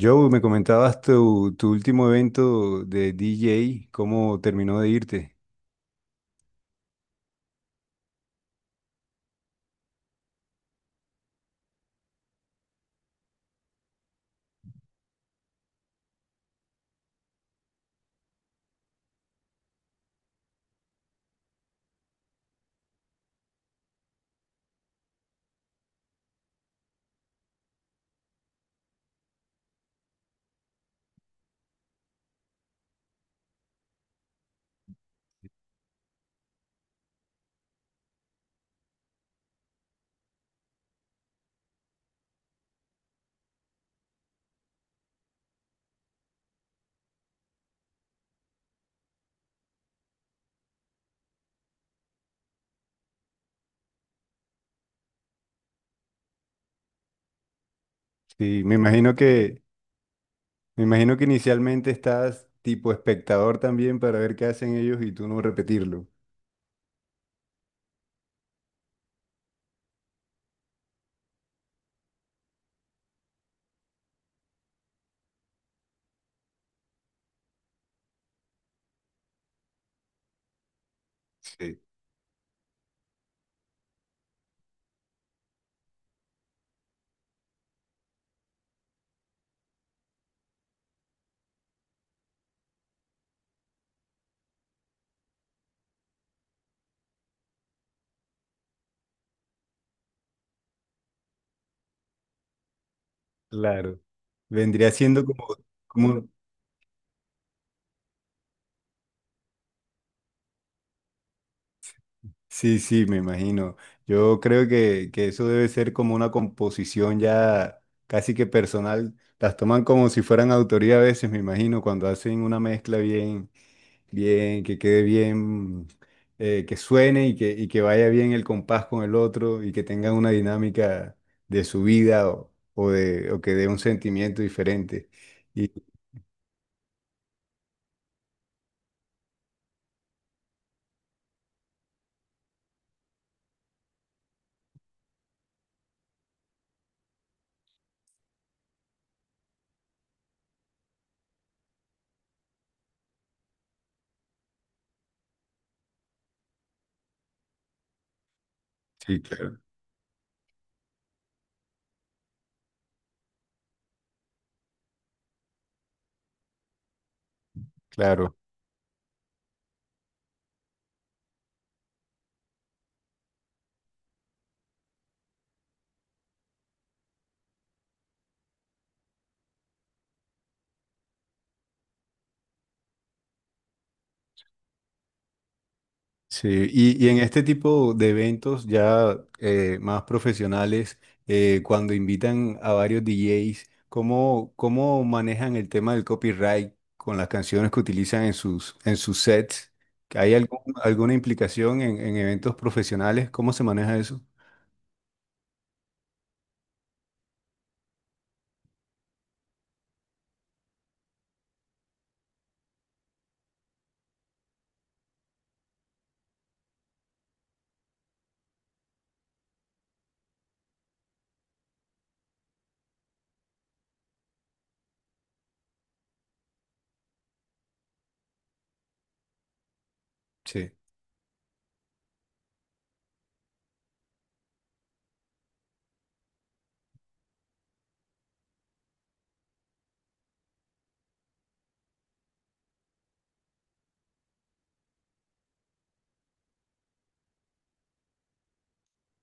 Joe, me comentabas tu último evento de DJ, ¿cómo terminó de irte? Sí, me imagino que inicialmente estás tipo espectador también para ver qué hacen ellos y tú no repetirlo. Sí. Claro. Vendría siendo como, sí, sí, me imagino. Yo creo que eso debe ser como una composición ya casi que personal. Las toman como si fueran autoría a veces, me imagino, cuando hacen una mezcla bien, bien, que quede bien, que suene y que vaya bien el compás con el otro y que tengan una dinámica de su vida o de, o que dé un sentimiento diferente. Y, sí, claro. Claro. Sí, y en este tipo de eventos ya más profesionales, cuando invitan a varios DJs, ¿cómo, cómo manejan el tema del copyright con las canciones que utilizan en sus sets? ¿Hay algún- alguna implicación en eventos profesionales? ¿Cómo se maneja eso? Sí.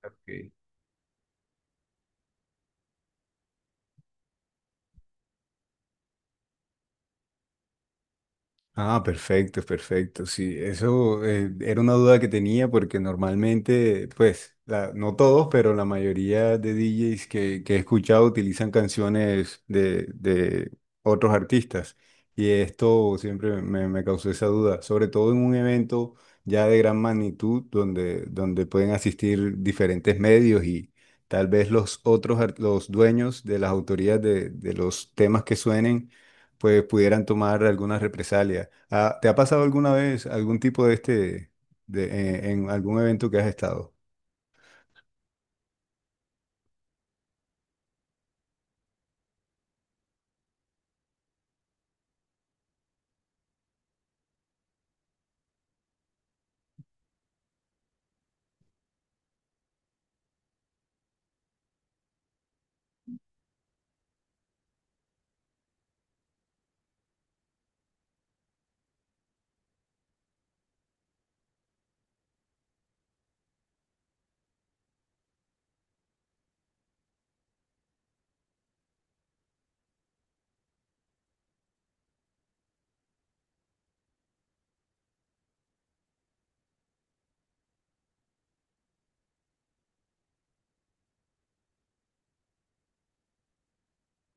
Ok. Ah, perfecto, perfecto. Sí, eso era una duda que tenía porque normalmente, pues, la- no todos, pero la mayoría de DJs que he escuchado utilizan canciones de otros artistas. Y esto siempre me causó esa duda, sobre todo en un evento ya de gran magnitud donde, donde pueden asistir diferentes medios y tal vez los otros, ar- los dueños de las autorías de los temas que suenen pues pudieran tomar alguna represalia. Ah, ¿te ha pasado alguna vez algún tipo de este, de, en algún evento que has estado?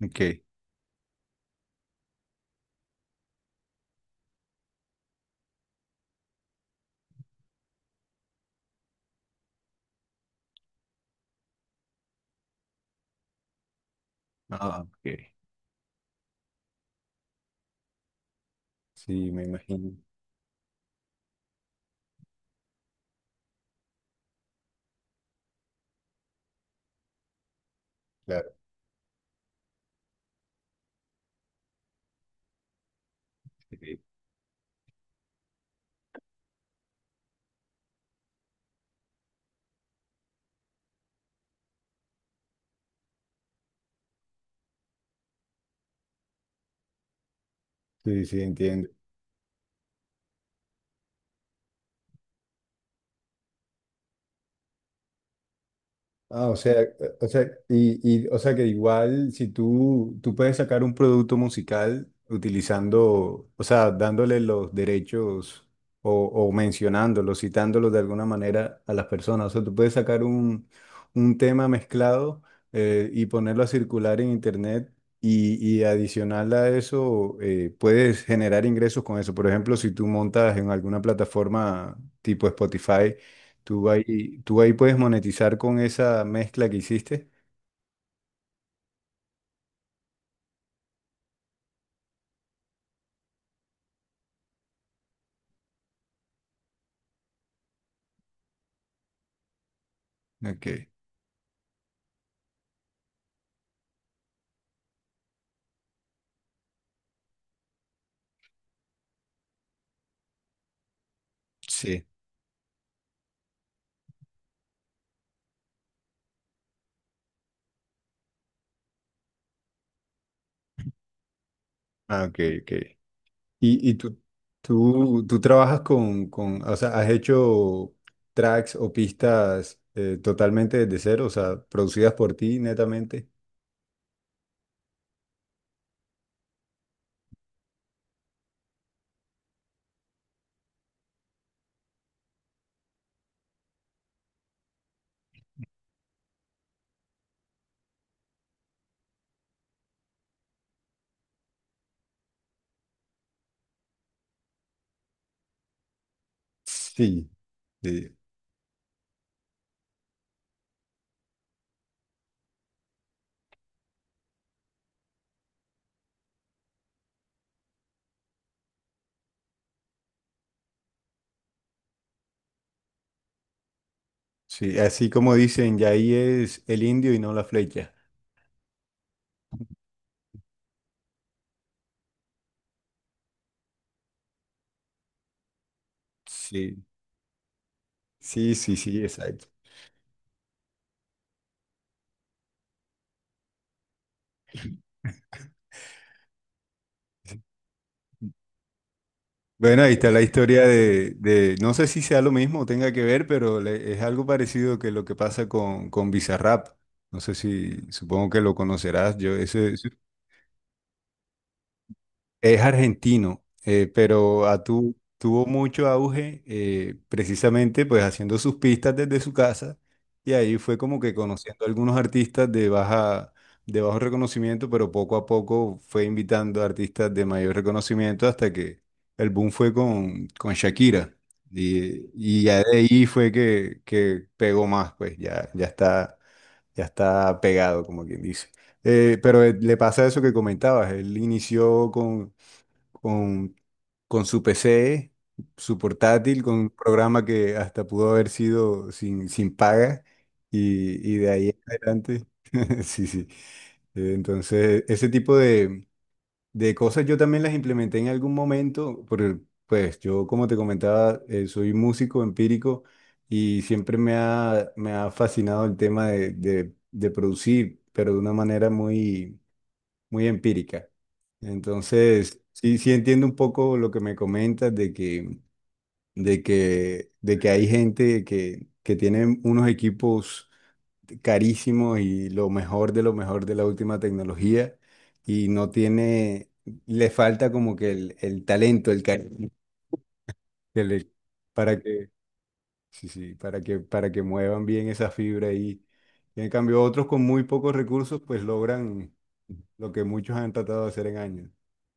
Ok. Ah, ok. Sí, me imagino. Claro. Sí, sí, sí, entiendo. Ah, o sea, eh, o sea, o sea que igual si tú puedes sacar un producto musical utilizando, o sea, dándole los derechos o mencionándolos, citándolos de alguna manera a las personas. O sea, tú puedes sacar un tema mezclado y ponerlo a circular en internet y adicional a eso puedes generar ingresos con eso. Por ejemplo, si tú montas en alguna plataforma tipo Spotify. Tú ahí puedes monetizar con esa mezcla que hiciste. Ok, sí. Ah, ok, ok. Y tú, tú trabajas con, o sea, has hecho tracks o pistas totalmente desde cero, o sea, producidas por ti netamente. Sí, sí, sí. Así como dicen, ya ahí es el indio y no la flecha. Sí, sí, sí, sí, exacto. Bueno, ahí está la historia de- no sé si sea lo mismo o tenga que ver, pero le- es algo parecido que lo que pasa con Bizarrap. No sé si, supongo que lo conocerás. Yo, ese, es argentino, pero a tu- tuvo mucho auge precisamente pues haciendo sus pistas desde su casa y ahí fue como que conociendo a algunos artistas de baja, de bajo reconocimiento, pero poco a poco fue invitando a artistas de mayor reconocimiento hasta que el boom fue con Shakira y ya de ahí fue que pegó más, pues ya, ya está pegado como quien dice. Le pasa eso que comentabas, él inició con, con su PC, su portátil, con un programa que hasta pudo haber sido sin, sin paga y de ahí en adelante. Sí, sí. Entonces, ese tipo de cosas yo también las implementé en algún momento, porque pues yo, como te comentaba, soy músico empírico y siempre me ha fascinado el tema de producir, pero de una manera muy muy empírica. Entonces, sí, sí entiendo un poco lo que me comentas de que hay gente que tiene unos equipos carísimos y lo mejor de la última tecnología y no tiene, le falta como que el talento, el carisma que le- para que sí, sí, para que muevan bien esa fibra ahí. Y en cambio, otros con muy pocos recursos, pues logran lo que muchos han tratado de hacer en años.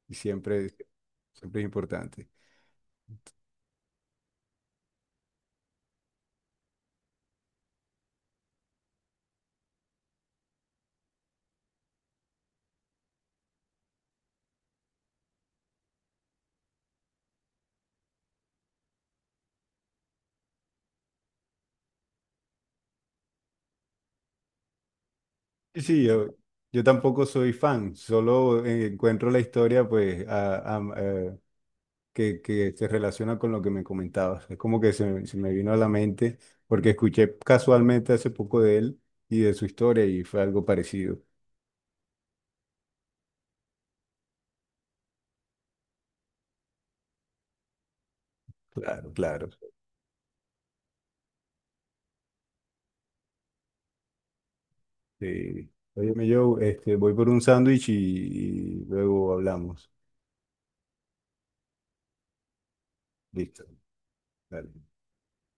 Y siempre, siempre es importante. Y sí, yo tampoco soy fan, solo encuentro la historia, pues, a- que se relaciona con lo que me comentabas. Es como que se me vino a la mente, porque escuché casualmente hace poco de él y de su historia, y fue algo parecido. Claro, claro. Sí. Óyeme, Joe, este, voy por un sándwich y luego hablamos. Listo. Dale.